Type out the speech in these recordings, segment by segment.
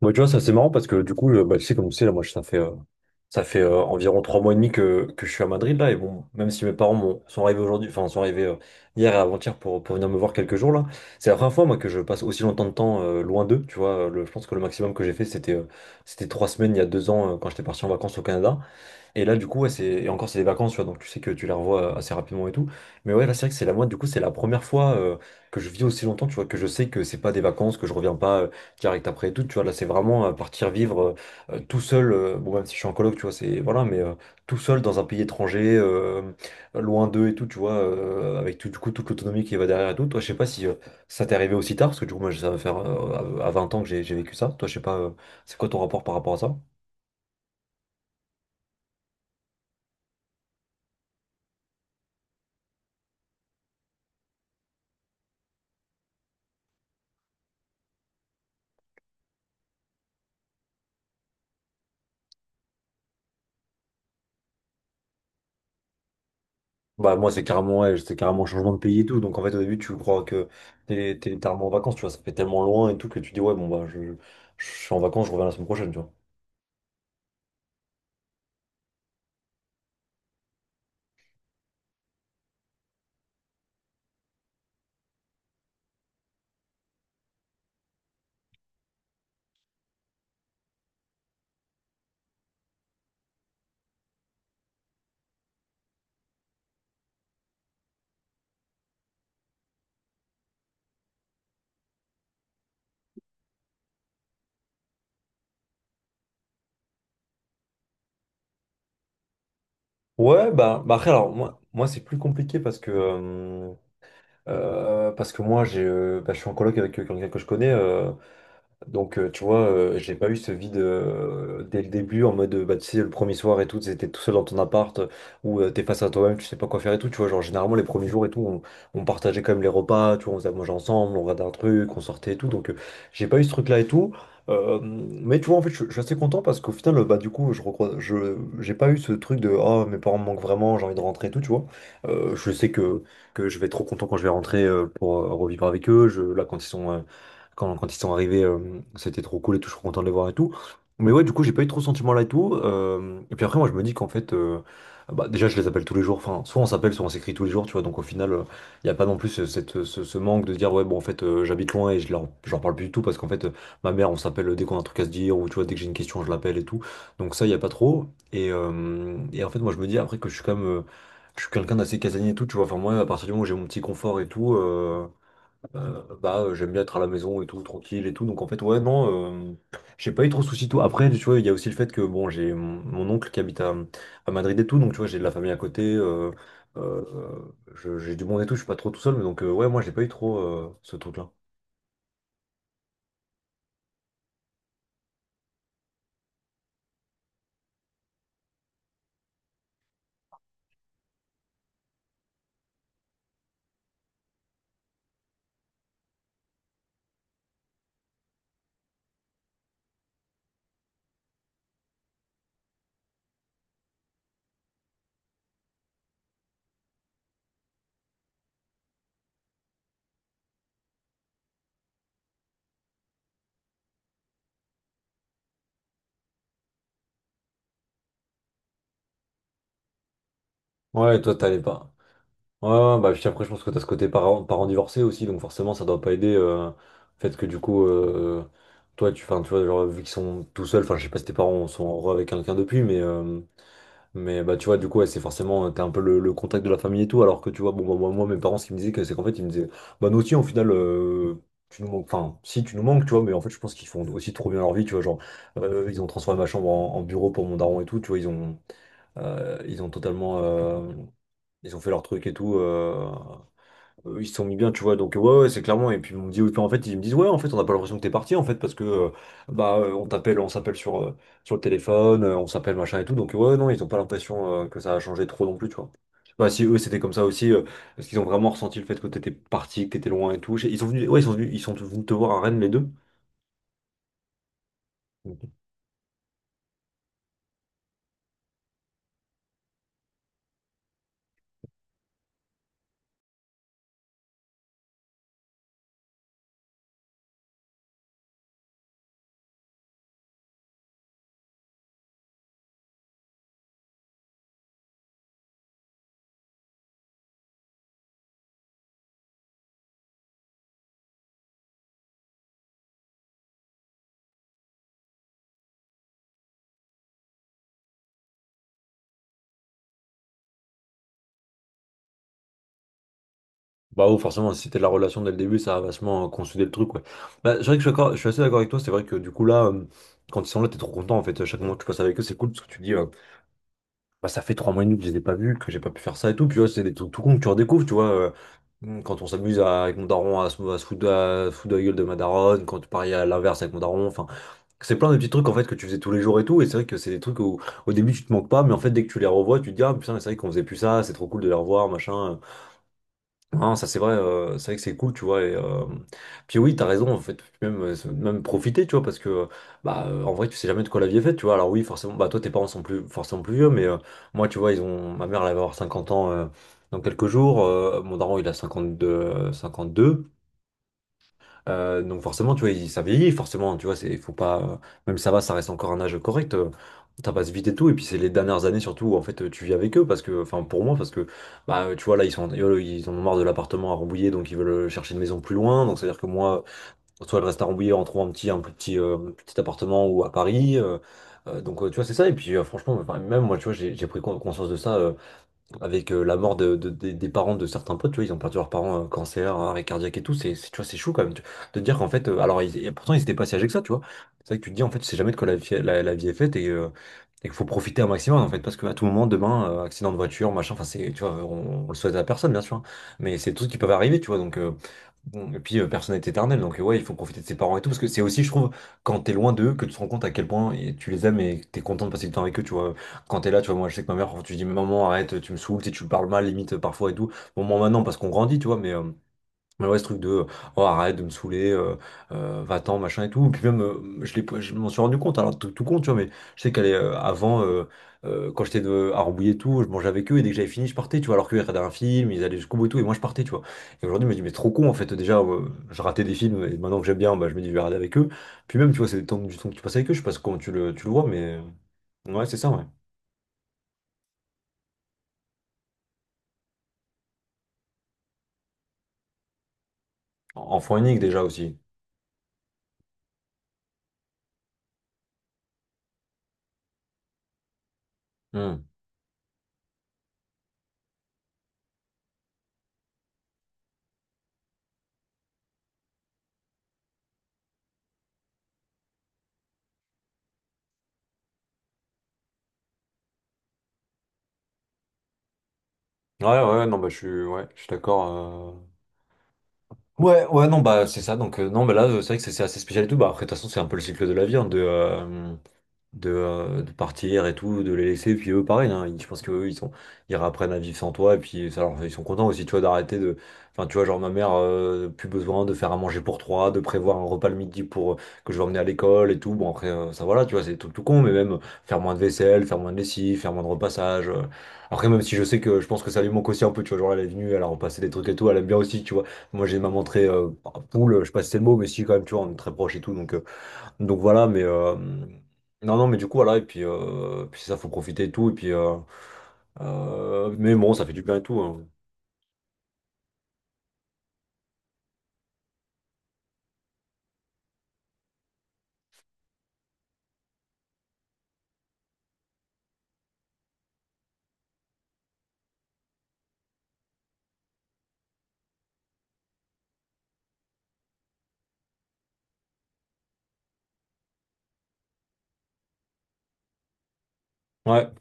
Moi, tu vois, ça c'est marrant parce que du coup, bah, tu sais, comme tu sais, là, moi, ça fait environ trois mois et demi que je suis à Madrid, là. Et bon, même si mes parents sont arrivés aujourd'hui, enfin, sont arrivés hier et avant-hier pour venir me voir quelques jours, là, c'est la première fois, moi, que je passe aussi longtemps de temps loin d'eux, tu vois. Je pense que le maximum que j'ai fait, c'était c'était trois semaines il y a deux ans quand j'étais parti en vacances au Canada. Et là, du coup, ouais, c'est... et encore, c'est des vacances, tu vois, donc tu sais que tu les revois assez rapidement et tout. Mais ouais, là, c'est vrai que c'est la moi, du coup, c'est la première fois que je vis aussi longtemps, tu vois, que je sais que c'est pas des vacances, que je reviens pas direct après et tout, tu vois. Là, c'est vraiment partir vivre tout seul, bon, même si je suis en coloc, tu vois, c'est voilà, mais tout seul dans un pays étranger, loin d'eux et tout, tu vois, avec tout, du coup, toute l'autonomie qui va derrière et tout. Toi, je sais pas si ça t'est arrivé aussi tard, parce que du coup, moi, ça va faire à 20 ans que j'ai vécu ça. Toi, je sais pas, c'est quoi ton rapport par rapport à ça? Bah, moi, ouais, c'est carrément un changement de pays et tout. Donc, en fait, au début, tu crois que t'es littéralement en vacances, tu vois. Ça fait tellement loin et tout que tu dis, ouais, bon, bah, je suis en vacances, je reviens la semaine prochaine, tu vois. Ouais, bah après, alors, moi, c'est plus compliqué parce que moi, bah, je suis en coloc avec quelqu'un que je connais. Donc, tu vois, j'ai pas eu ce vide dès le début, en mode, bah, tu sais, le premier soir et tout, t'étais tout seul dans ton appart, où t'es face à toi-même, tu sais pas quoi faire et tout, tu vois, genre, généralement, les premiers jours et tout, on partageait quand même les repas, tu vois, on faisait à manger ensemble, on regardait un truc, on sortait et tout, donc j'ai pas eu ce truc-là et tout. Mais tu vois, en fait, je suis assez content parce qu'au final, bah, du coup, j'ai pas eu ce truc de, oh, mes parents me manquent vraiment, j'ai envie de rentrer et tout, tu vois. Je sais que je vais être trop content quand je vais rentrer pour revivre avec eux. Je, là, quand ils sont... euh, quand, quand ils sont arrivés, c'était trop cool et tout, je suis content de les voir et tout. Mais ouais, du coup, j'ai pas eu trop ce sentiment-là et tout. Et puis après, moi, je me dis qu'en fait, bah, déjà, je les appelle tous les jours. Enfin, soit on s'appelle, soit on s'écrit tous les jours, tu vois. Donc au final, il n'y a pas non plus ce manque de dire, ouais, bon, en fait, j'habite loin et je leur parle plus du tout parce qu'en fait, ma mère, on s'appelle dès qu'on a un truc à se dire ou tu vois, dès que j'ai une question, je l'appelle et tout. Donc ça, il n'y a pas trop. Et en fait, moi, je me dis après que je suis quand même. Je suis quelqu'un d'assez casanier et tout, tu vois. Enfin, moi, à partir du moment où j'ai mon petit confort et tout. Bah, j'aime bien être à la maison et tout, tranquille et tout. Donc, en fait, ouais, non, j'ai pas eu trop de soucis. Tout. Après, tu vois, il y a aussi le fait que, bon, j'ai mon oncle qui habite à Madrid et tout. Donc, tu vois, j'ai de la famille à côté. Euh, j'ai du monde et tout. Je suis pas trop tout seul. Mais donc, ouais, moi, j'ai pas eu trop ce truc-là. Ouais, toi, t'allais pas. Ouais, ouais, bah, puis après, je pense que t'as ce côté parents divorcés aussi. Donc, forcément, ça doit pas aider. Le fait que, du coup, toi, tu, 'fin, tu vois, genre, vu qu'ils sont tout seuls, enfin, je sais pas si tes parents sont heureux avec quelqu'un depuis, mais. Mais bah tu vois du coup ouais, c'est forcément t'es un peu le contact de la famille et tout, alors que tu vois, bon bah moi, mes parents, ce qu'ils me disaient, que c'est qu'en fait ils me disaient, bah nous aussi au final tu nous manques, enfin, si, tu nous manques, tu vois, mais en fait je pense qu'ils font aussi trop bien leur vie, tu vois, genre ils ont transformé ma chambre en bureau pour mon daron et tout, tu vois, ils ont totalement ils ont fait leur truc et tout. Ils se sont mis bien, tu vois, donc ouais, ouais, c'est clairement. Et puis ils m'ont dit, oui, puis en fait, ils me disent, ouais, en fait, on n'a pas l'impression que t'es parti, en fait, parce que bah on t'appelle, on s'appelle sur le téléphone, on s'appelle machin et tout, donc ouais, non, ils n'ont pas l'impression que ça a changé trop non plus, tu vois. Je sais pas si eux c'était comme ça aussi, parce qu'ils ont vraiment ressenti le fait que t'étais parti, que t'étais loin et tout. Ils sont venus, ouais, ils sont venus te voir à Rennes les deux. Ok. Bah oh, forcément, si c'était la relation dès le début, ça a vachement consolidé le truc, ouais. Bah, c'est vrai que je suis assez d'accord avec toi, c'est vrai que du coup là, quand ils sont là, t'es trop content en fait. Chaque moment que tu passes avec eux, c'est cool parce que tu te dis. Bah, ça fait trois mois et demi que je les ai pas vus, que j'ai pas pu faire ça et tout. Puis ouais, c'est des trucs tout con que tu redécouvres, tu vois. Quand on s'amuse avec mon daron à se foutre, foutre de la gueule de ma daronne, quand tu paries à l'inverse avec mon daron, enfin, c'est plein de petits trucs en fait que tu faisais tous les jours et tout. Et c'est vrai que c'est des trucs où au début tu te manques pas, mais en fait dès que tu les revois, tu te dis ah putain, c'est vrai qu'on faisait plus ça, c'est trop cool de les revoir, machin. Non, ça c'est vrai que c'est cool, tu vois. Et, puis oui, t'as raison, en fait, même, même profiter, tu vois, parce que bah en vrai, tu sais jamais de quoi la vie est faite, tu vois. Alors oui, forcément, bah toi, tes parents sont plus forcément plus vieux, mais moi, tu vois, ils ont ma mère, elle va avoir 50 ans dans quelques jours. Mon daron, il a 52. Donc forcément, tu vois, ça vieillit, forcément, tu vois, c'est, faut pas, même ça va, ça reste encore un âge correct, ça passe vite et tout, et puis c'est les dernières années surtout où en fait tu vis avec eux, parce que, enfin pour moi, parce que, bah tu vois, là, ils sont, ils ont marre de l'appartement à Rambouillet, donc ils veulent chercher une maison plus loin, donc c'est-à-dire que moi, soit je reste à Rambouillet en trouvant un plus petit, petit appartement ou à Paris, donc tu vois, c'est ça, et puis franchement, enfin, même moi, tu vois, j'ai pris conscience de ça. Avec la mort des parents de certains potes, tu vois, ils ont perdu leurs parents, cancer, arrêt cardiaque et tout, tu vois, c'est chaud quand même, de dire qu'en fait, alors, et pourtant, ils étaient pas si âgés que ça, tu vois, c'est vrai que tu te dis, en fait, tu sais jamais de quoi la vie est faite, et et qu'il faut profiter un maximum, en fait, parce qu'à tout moment, demain, accident de voiture, machin, enfin, c'est, tu vois, on le souhaite à personne, bien sûr, hein, mais c'est tout ce qui peut arriver, tu vois, donc. Bon. Et puis, personne n'est éternel, donc ouais, il faut profiter de ses parents et tout, parce que c'est aussi, je trouve, quand t'es loin d'eux, que tu te rends compte à quel point et tu les aimes et que t'es content de passer du temps avec eux, tu vois. Quand t'es là, tu vois, moi, je sais que ma mère, quand tu dis, maman, arrête, tu me saoules, tu sais, tu me parles mal, limite, parfois et tout. Bon, moi, maintenant, parce qu'on grandit, tu vois, mais mais ouais, ce truc de, oh, arrête de me saouler, va-t'en, machin et tout. Puis même, je je m'en suis rendu compte, alors tout, tout compte, tu vois, mais je sais qu'elle est, euh, avant, quand j'étais à Rambouillet et tout, je mangeais avec eux, et dès que j'avais fini, je partais, tu vois, alors qu'ils regardaient un film, ils allaient jusqu'au bout et tout, et moi, je partais, tu vois. Et aujourd'hui, je me dis, mais trop con, en fait, déjà, je ratais des films, et maintenant que j'aime bien, bah, je me dis, je vais regarder avec eux. Puis même, tu vois, c'est du temps que tu passes avec eux, je sais pas comment tu le vois, mais, ouais, c'est ça, ouais. En en unique déjà aussi. Hmm. Ouais, ouais, non, bah je suis d'accord. Euh. Ouais, ouais, non, bah c'est ça. Donc, non, bah là, c'est vrai que c'est assez spécial et tout. Bah après, de toute façon, c'est un peu le cycle de la vie, hein, de partir et tout, de les laisser. Puis eux, pareil, hein, je pense qu'eux, ils apprennent à vivre sans toi. Et puis, ils sont contents aussi, tu vois, d'arrêter de. Enfin, tu vois, genre, ma mère, plus besoin de faire à manger pour trois, de prévoir un repas le midi pour que je vais emmener à l'école et tout. Bon, après, ça, voilà, tu vois, c'est tout, tout con, mais même faire moins de vaisselle, faire moins de lessive, faire moins de repassage. Euh. Après, même si je sais que je pense que ça lui manque aussi un peu, tu vois, genre, elle est venue, elle a repassé des trucs et tout, elle aime bien aussi, tu vois. Moi, j'ai ma montré poule, je sais pas si c'est le mot, mais si, quand même, tu vois, on est très proche et tout, donc. Euh, donc voilà, mais non, non, mais du coup, voilà, et puis, puis ça, faut profiter et tout, et puis, mais bon, ça fait du bien et tout, hein. Ouais,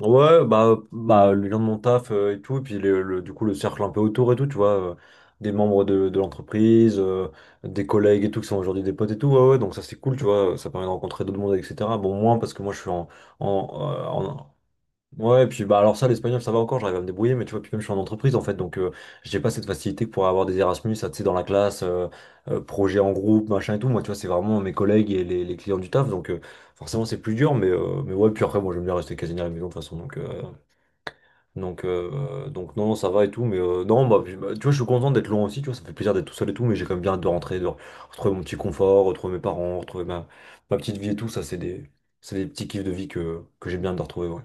ouais, bah, bah, les gens de mon taf et tout, et puis du coup, le cercle un peu autour et tout, tu vois, des membres de l'entreprise, des collègues et tout, qui sont aujourd'hui des potes et tout, ouais, ouais, donc ça, c'est cool, tu vois, ça permet de rencontrer d'autres mondes, etc. Bon, moins parce que moi, je suis en, en, euh, en, Ouais, et puis bah alors ça, l'espagnol, ça va encore, j'arrive à me débrouiller, mais tu vois, puis même je suis en entreprise en fait, donc j'ai pas cette facilité que pourrait avoir des Erasmus, ça, tu sais, dans la classe, projet en groupe, machin et tout. Moi, tu vois, c'est vraiment mes collègues et les clients du taf, donc forcément c'est plus dur, mais ouais, puis après, moi j'aime bien rester quasi à la maison de toute façon, donc non, ça va et tout, mais non, bah, puis, bah, tu vois, je suis content d'être loin aussi, tu vois, ça me fait plaisir d'être tout seul et tout, mais j'ai quand même bien hâte de rentrer, de retrouver mon petit confort, retrouver mes parents, retrouver ma petite vie et tout, ça, c'est des petits kiffs de vie que j'ai bien hâte de retrouver, ouais.